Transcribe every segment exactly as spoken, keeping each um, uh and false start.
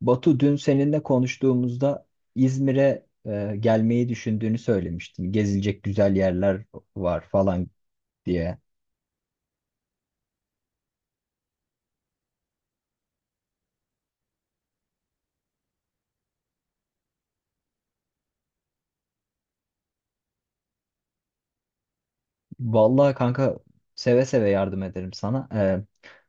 Batu dün seninle konuştuğumuzda İzmir'e e, gelmeyi düşündüğünü söylemiştin. Gezilecek güzel yerler var falan diye. Vallahi kanka seve seve yardım ederim sana. E,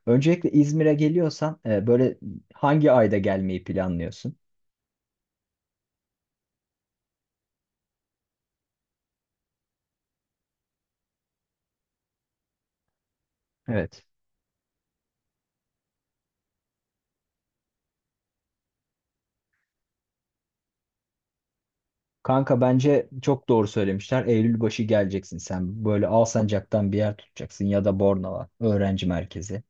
Öncelikle İzmir'e geliyorsan e, böyle hangi ayda gelmeyi planlıyorsun? Evet. Kanka bence çok doğru söylemişler. Eylül başı geleceksin sen. Böyle Alsancak'tan bir yer tutacaksın ya da Bornova öğrenci merkezi.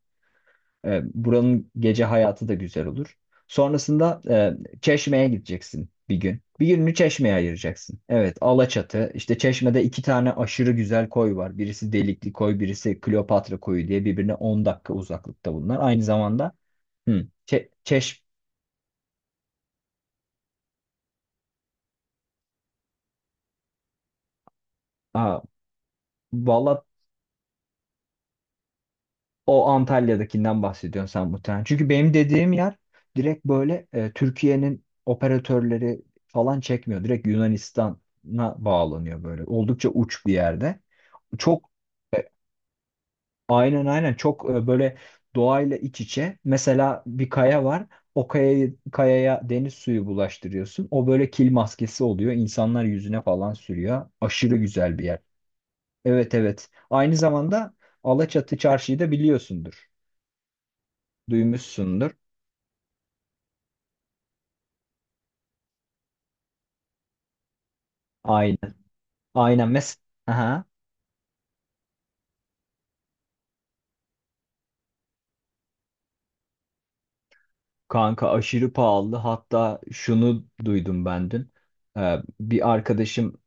E, buranın gece hayatı da güzel olur. Sonrasında e, Çeşme'ye gideceksin bir gün. Bir gününü Çeşme'ye ayıracaksın. Evet, Alaçatı. İşte Çeşme'de iki tane aşırı güzel koy var. Birisi Delikli Koy, birisi Kleopatra Koyu diye birbirine on dakika uzaklıkta bunlar. Aynı zamanda hı, Çe- Çeş... Aa, valla. O Antalya'dakinden bahsediyorsun sen muhtemelen. Çünkü benim dediğim yer direkt böyle e, Türkiye'nin operatörleri falan çekmiyor. Direkt Yunanistan'a bağlanıyor böyle. Oldukça uç bir yerde. Çok e, aynen aynen, çok e, böyle doğayla iç içe. Mesela bir kaya var. O kayayı, kayaya deniz suyu bulaştırıyorsun. O böyle kil maskesi oluyor. İnsanlar yüzüne falan sürüyor. Aşırı güzel bir yer. Evet, evet. Aynı zamanda Alaçatı Çarşı'yı da biliyorsundur. Duymuşsundur. Aynen. Aynen. Mes Aha. Kanka aşırı pahalı. Hatta şunu duydum ben dün. Ee, bir arkadaşım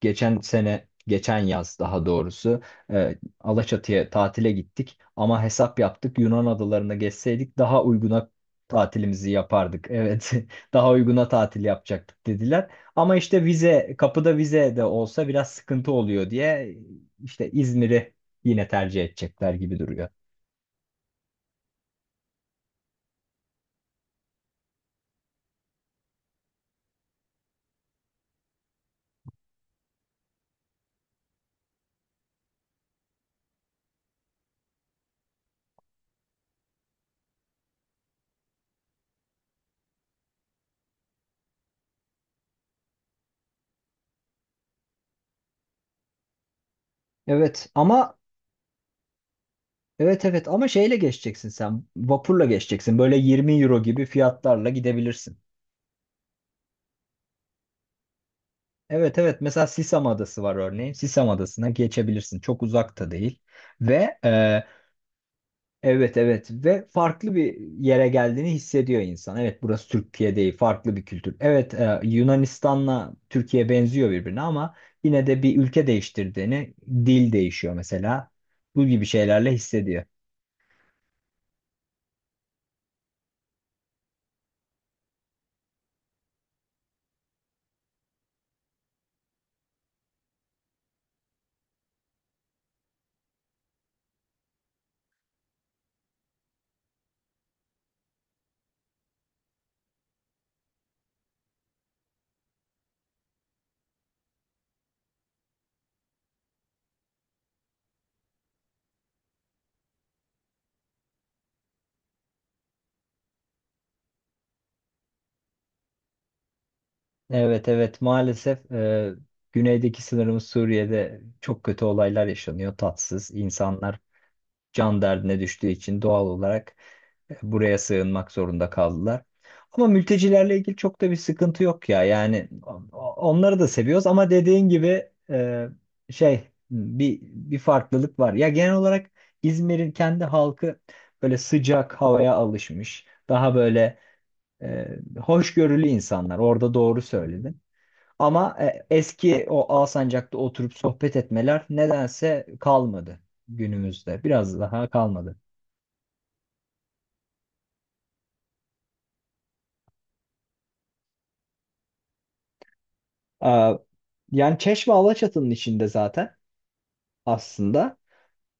geçen sene, geçen yaz daha doğrusu e, Alaçatı'ya tatile gittik. Ama hesap yaptık. Yunan adalarına geçseydik daha uyguna tatilimizi yapardık. Evet. Daha uyguna tatil yapacaktık dediler. Ama işte vize, kapıda vize de olsa biraz sıkıntı oluyor diye işte İzmir'i yine tercih edecekler gibi duruyor. Evet ama Evet, evet, ama şeyle geçeceksin sen. Vapurla geçeceksin. Böyle yirmi euro gibi fiyatlarla gidebilirsin. Evet, evet, mesela Sisam Adası var örneğin. Sisam Adası'na geçebilirsin. Çok uzak da değil. Ve e, evet, evet, ve farklı bir yere geldiğini hissediyor insan. Evet, burası Türkiye değil, farklı bir kültür. Evet, e, Yunanistan'la Türkiye benziyor birbirine ama yine de bir ülke değiştirdiğini dil değişiyor mesela. Bu gibi şeylerle hissediyor. Evet, evet, maalesef. E, güneydeki sınırımız Suriye'de çok kötü olaylar yaşanıyor. Tatsız insanlar can derdine düştüğü için doğal olarak e, buraya sığınmak zorunda kaldılar. Ama mültecilerle ilgili çok da bir sıkıntı yok ya. Yani o- onları da seviyoruz ama dediğin gibi, e, şey bir bir farklılık var. Ya, genel olarak İzmir'in kendi halkı böyle sıcak havaya alışmış. Daha böyle e, hoşgörülü insanlar. Orada doğru söyledin. Ama e, eski o Alsancak'ta oturup sohbet etmeler nedense kalmadı günümüzde. Biraz daha kalmadı. Aa, yani Çeşme Alaçatı'nın içinde zaten aslında.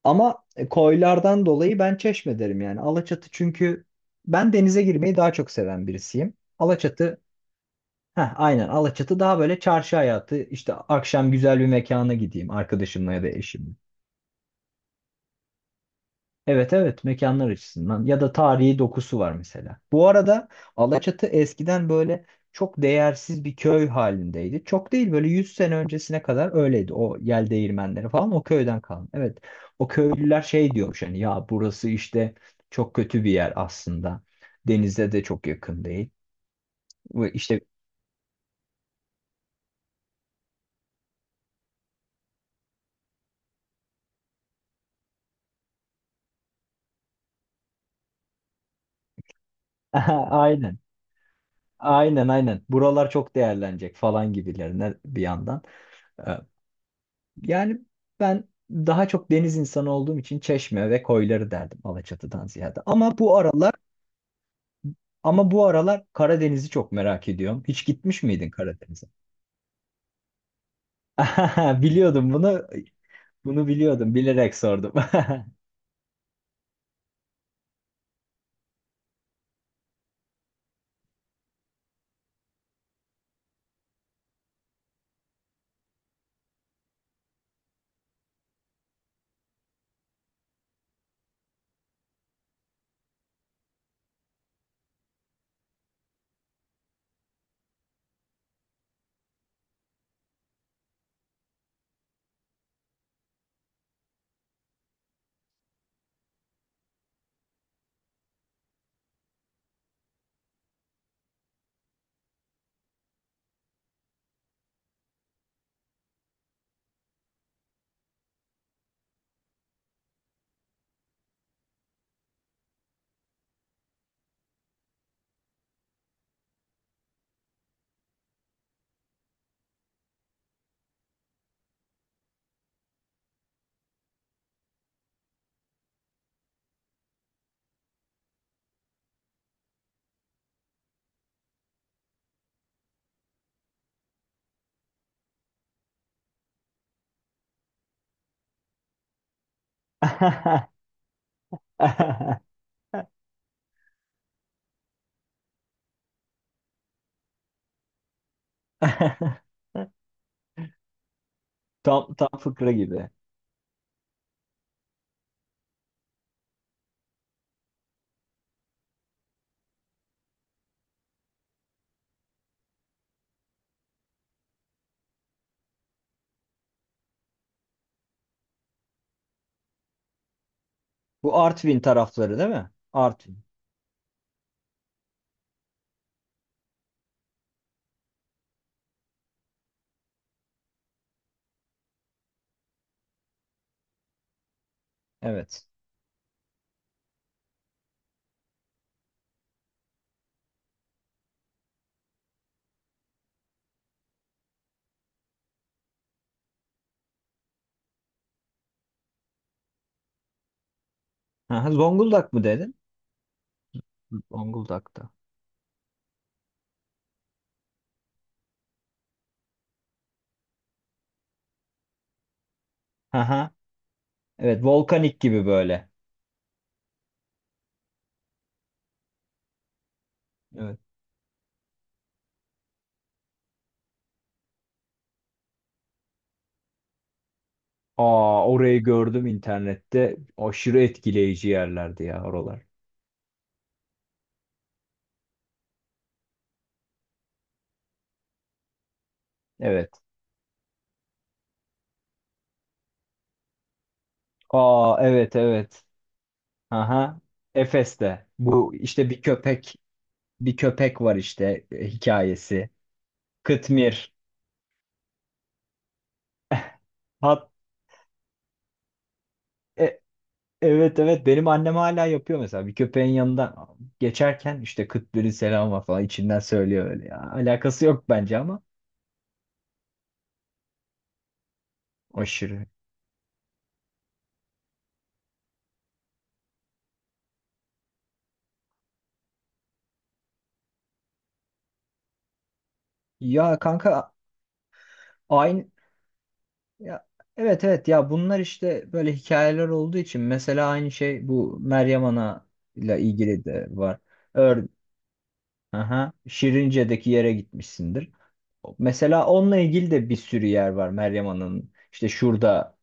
Ama e, koylardan dolayı ben Çeşme derim yani. Alaçatı çünkü ben denize girmeyi daha çok seven birisiyim. Alaçatı Heh, aynen, Alaçatı daha böyle çarşı hayatı, işte akşam güzel bir mekana gideyim arkadaşımla ya da eşimle. Evet, evet, mekanlar açısından ya da tarihi dokusu var mesela. Bu arada Alaçatı eskiden böyle çok değersiz bir köy halindeydi. Çok değil, böyle yüz sene öncesine kadar öyleydi. O yel değirmenleri falan o köyden kalma. Evet, o köylüler şey diyormuş hani, ya burası işte çok kötü bir yer aslında. Denize de çok yakın değil. Ve İşte aynen, aynen aynen buralar çok değerlenecek falan gibilerine bir yandan. Yani ben daha çok deniz insanı olduğum için Çeşme ve koyları derdim Alaçatı'dan ziyade. Ama bu aralar ama bu aralar Karadeniz'i çok merak ediyorum. Hiç gitmiş miydin Karadeniz'e? Biliyordum bunu. Bunu biliyordum. Bilerek sordum. Tam tam fıkra gibi. Bu Artvin tarafları değil mi? Artvin. Evet. Aha, Zonguldak mı dedin? Zonguldak'ta. Aha. Evet, volkanik gibi böyle. Evet. Aa, orayı gördüm internette. Aşırı etkileyici yerlerdi ya oralar. Evet. Aa, evet, evet. Aha. Efes'te. Bu işte bir köpek, bir köpek var işte, e, hikayesi. Kıtmir. Hat e- evet, evet, benim annem hala yapıyor mesela. Bir köpeğin yanından geçerken işte Kıtmir'in selamı var falan içinden söylüyor öyle ya. Alakası yok bence ama aşırı. Ya kanka aynı Ya, evet, evet, ya bunlar işte böyle hikayeler olduğu için mesela aynı şey bu Meryem Ana ile ilgili de var. Ör, aha, Şirince'deki yere gitmişsindir. Mesela onunla ilgili de bir sürü yer var Meryem Ana'nın. İşte şurada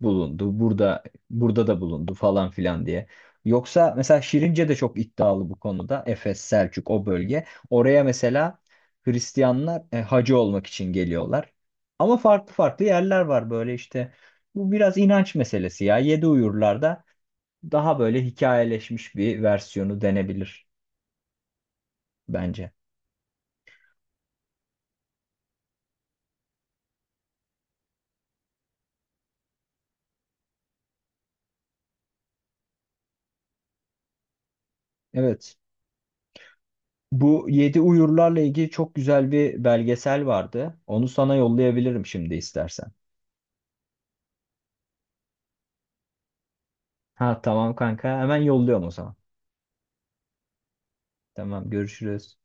bulundu. Burada burada da bulundu falan filan diye. Yoksa mesela Şirince de çok iddialı bu konuda. Efes, Selçuk o bölge. Oraya mesela Hristiyanlar e, hacı olmak için geliyorlar. Ama farklı farklı yerler var böyle işte. Bu biraz inanç meselesi ya. Yedi Uyurlar'da daha böyle hikayeleşmiş bir versiyonu denebilir bence. Evet. Bu Yedi Uyurlar'la ilgili çok güzel bir belgesel vardı. Onu sana yollayabilirim şimdi istersen. Ha, tamam kanka. Hemen yolluyorum o zaman. Tamam, görüşürüz.